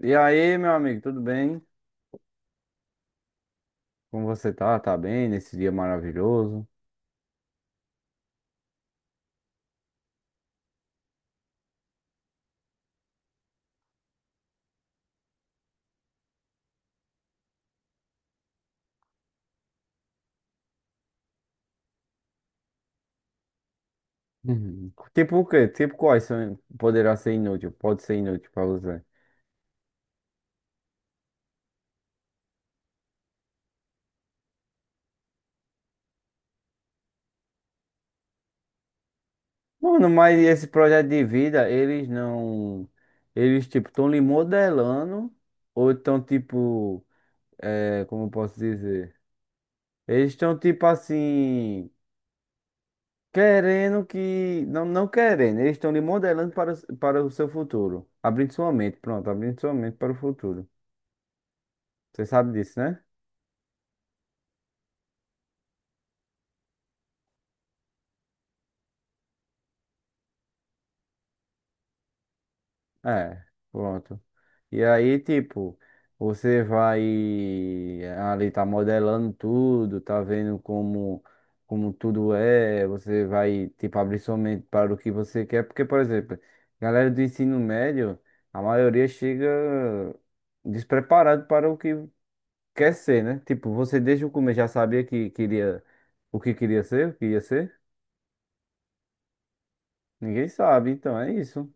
E aí, meu amigo, tudo bem? Como você tá? Tá bem nesse dia maravilhoso? Uhum. Tipo o quê? Tipo quais são, poderá ser inútil, pode ser inútil pra você. Mano, mas esse projeto de vida, eles não... Eles, tipo, estão lhe modelando ou estão, tipo... É, como eu posso dizer? Eles estão, tipo, assim... Querendo que... Não, não querendo. Eles estão lhe modelando para, para o seu futuro. Abrindo sua mente. Pronto, abrindo sua mente para o futuro. Você sabe disso, né? É, pronto. E aí, tipo, você vai ali tá modelando tudo, tá vendo como como tudo é, você vai tipo abrir sua mente para o que você quer, porque por exemplo, galera do ensino médio, a maioria chega despreparado para o que quer ser, né? Tipo, você desde o começo já sabia que queria o que queria ser, o que ia ser? Ninguém sabe, então é isso.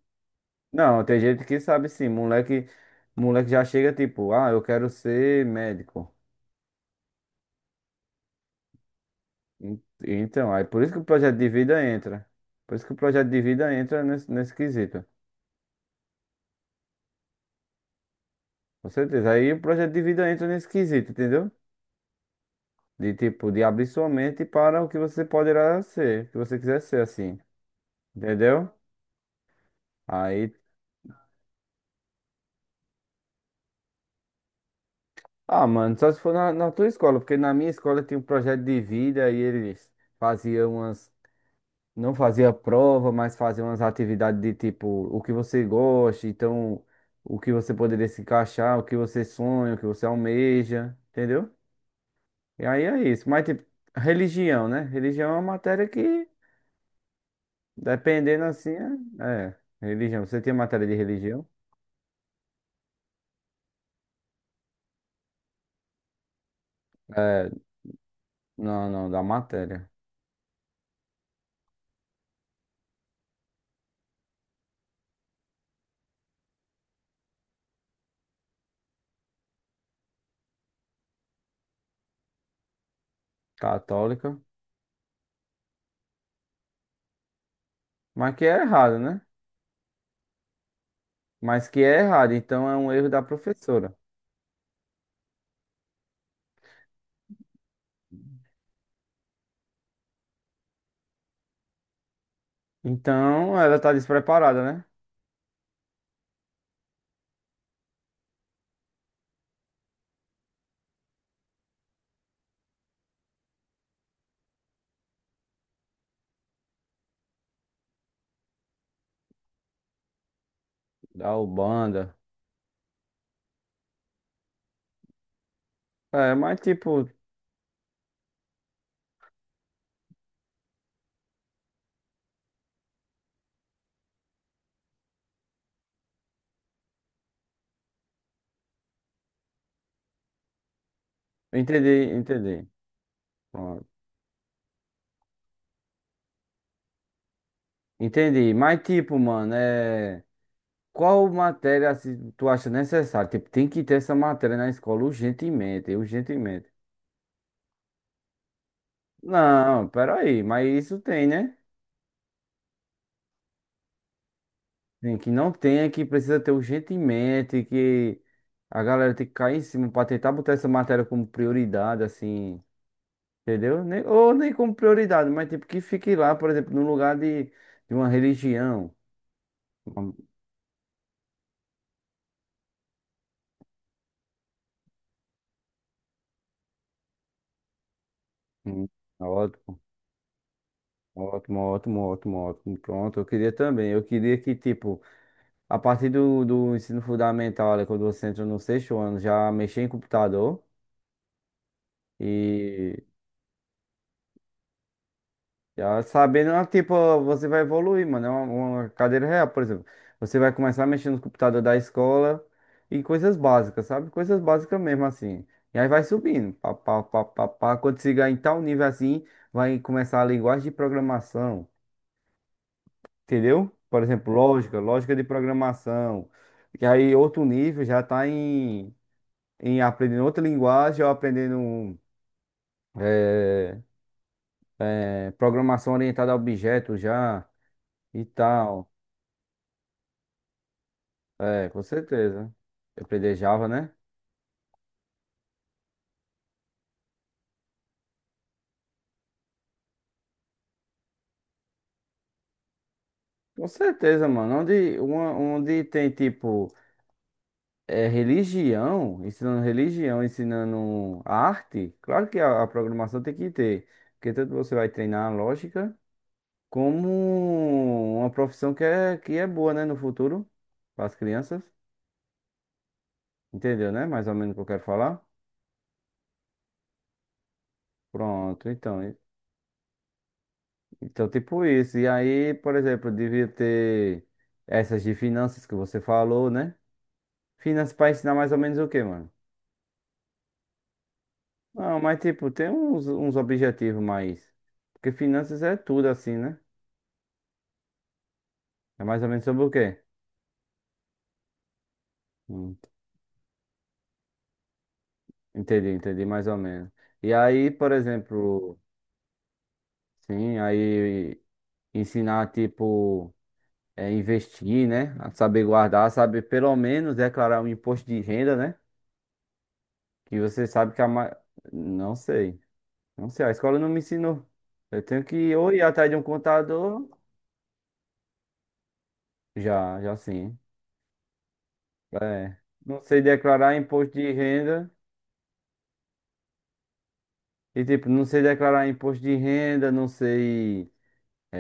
Não, tem gente que sabe sim, moleque, moleque já chega tipo, ah, eu quero ser médico. Então, aí por isso que o projeto de vida entra. Por isso que o projeto de vida entra nesse quesito. Com certeza. Aí o projeto de vida entra nesse quesito, entendeu? De tipo, de abrir sua mente para o que você poderá ser, o que você quiser ser assim. Entendeu? Aí, ah, mano, só se for na, na tua escola, porque na minha escola tinha um projeto de vida e eles faziam umas... Não fazia prova, mas fazia umas atividades de tipo o que você gosta, então o que você poderia se encaixar, o que você sonha, o que você almeja, entendeu? E aí é isso. Mas tipo, religião, né? Religião é uma matéria que, dependendo assim, é. É, religião. Você tinha matéria de religião? Não, não, da matéria católica. Mas que é errado, né? Mas que é errado, então é um erro da professora. Então ela tá despreparada, né? Da Ubanda. É, mas tipo. Entendi, entendi. Pronto. Entendi. Mas tipo, mano, é. Qual matéria assim, tu acha necessária? Tipo, tem que ter essa matéria na escola urgentemente, urgentemente. Não, peraí, mas isso tem, né? Tem que não tem, é que precisa ter urgentemente, que a galera tem que cair em cima pra tentar botar essa matéria como prioridade, assim, entendeu? Ou nem como prioridade, mas tipo, que fique lá, por exemplo, no lugar de uma religião. Uma, um- ótimo, ótimo, ótimo, ótimo. Pronto, eu queria também. Eu queria que, tipo, a partir do ensino fundamental, ali, quando você entra no sexto ano, já mexer em computador e já sabendo, ah, tipo, você vai evoluir, mano. É uma cadeira real, por exemplo. Você vai começar a mexer no computador da escola e coisas básicas, sabe? Coisas básicas mesmo, assim. E aí vai subindo, pá, pá, pá, pá, pá. Quando chegar em tal nível assim, vai começar a linguagem de programação. Entendeu? Por exemplo, lógica, lógica de programação. Que aí outro nível já está em, em aprendendo outra linguagem ou aprendendo eh, programação orientada a objetos já e tal. É, com certeza. Aprender Java, né? Com certeza, mano. Onde, onde tem tipo religião, ensinando arte, claro que a programação tem que ter. Porque tanto você vai treinar a lógica. Como uma profissão que é boa, né, no futuro, para as crianças. Entendeu, né? Mais ou menos o que eu quero falar. Pronto, então. Então, tipo isso. E aí, por exemplo, devia ter essas de finanças que você falou, né? Finanças para ensinar mais ou menos o quê, mano? Não, mas tipo, tem uns, uns objetivos mais. Porque finanças é tudo assim, né? É mais ou menos sobre o quê? Hum. Entendi, entendi, mais ou menos. E aí, por exemplo, sim, aí ensinar, tipo. É, investir, né? Saber guardar, saber pelo menos declarar um imposto de renda, né? Que você sabe que a ma... Não sei. Não sei, a escola não me ensinou. Eu tenho que ou ir atrás de um contador, já, já sim. É. Não sei declarar imposto de renda. E tipo, não sei declarar imposto de renda, não sei,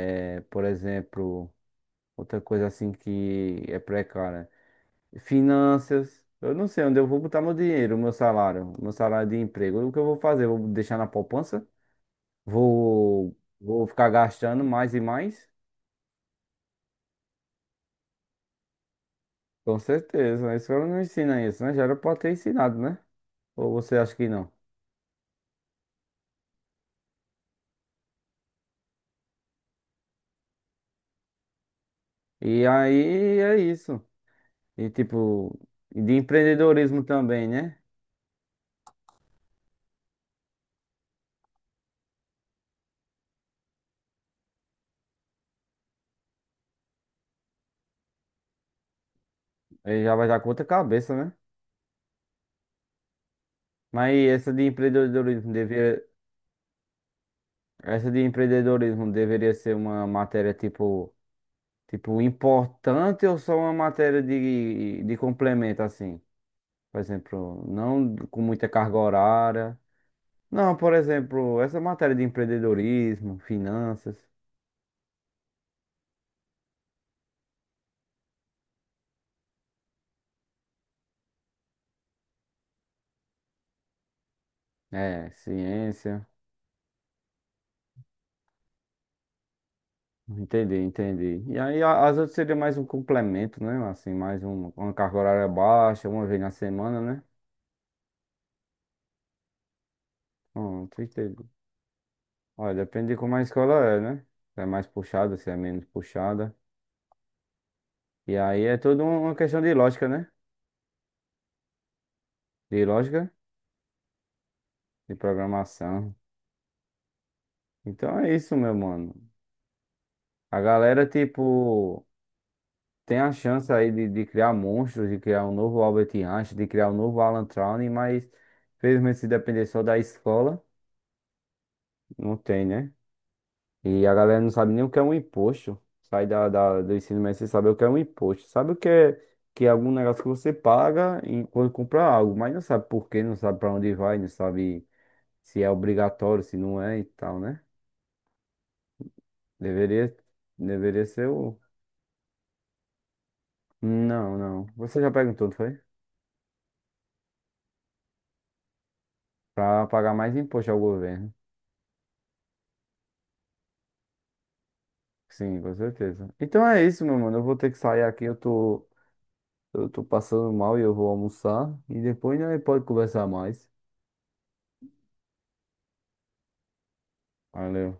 é, por exemplo, outra coisa assim que é precária. Finanças. Eu não sei onde eu vou botar meu dinheiro, meu salário de emprego. O que eu vou fazer? Vou deixar na poupança? Vou, vou ficar gastando mais e mais? Com certeza. A escola não ensina isso, né? Já era pra ter ensinado, né? Ou você acha que não? E aí é isso. E tipo, e de empreendedorismo também, né? Aí já vai dar com outra cabeça, né? Mas essa de empreendedorismo deveria, essa de empreendedorismo deveria ser uma matéria tipo. Tipo, importante ou só uma matéria de complemento, assim? Por exemplo, não com muita carga horária. Não, por exemplo, essa matéria de empreendedorismo, finanças, é, ciência. Entendi, entendi. E aí as outras seria mais um complemento, né? Assim, mais um, uma carga horária baixa, uma vez na semana, né? Tu. Olha, depende de como a escola é, né? Se é mais puxada, se é menos puxada. E aí é toda uma questão de lógica, né? De lógica. De programação. Então é isso, meu mano. A galera, tipo, tem a chance aí de criar monstros, de criar um novo Albert Einstein, de criar um novo Alan Turing, mas felizmente se depender só da escola, não tem, né? E a galera não sabe nem o que é um imposto. Sai da, do ensino médio sem saber o que é um imposto. Sabe o que é algum negócio que você paga quando compra algo, mas não sabe por quê, não sabe para onde vai, não sabe se é obrigatório, se não é e tal, né? Deveria, deveria ser o. Não, não. Você já perguntou, não foi? Pra pagar mais imposto ao governo. Sim, com certeza. Então é isso, meu mano. Eu vou ter que sair aqui. Eu tô passando mal e eu vou almoçar. E depois a gente pode conversar mais. Valeu.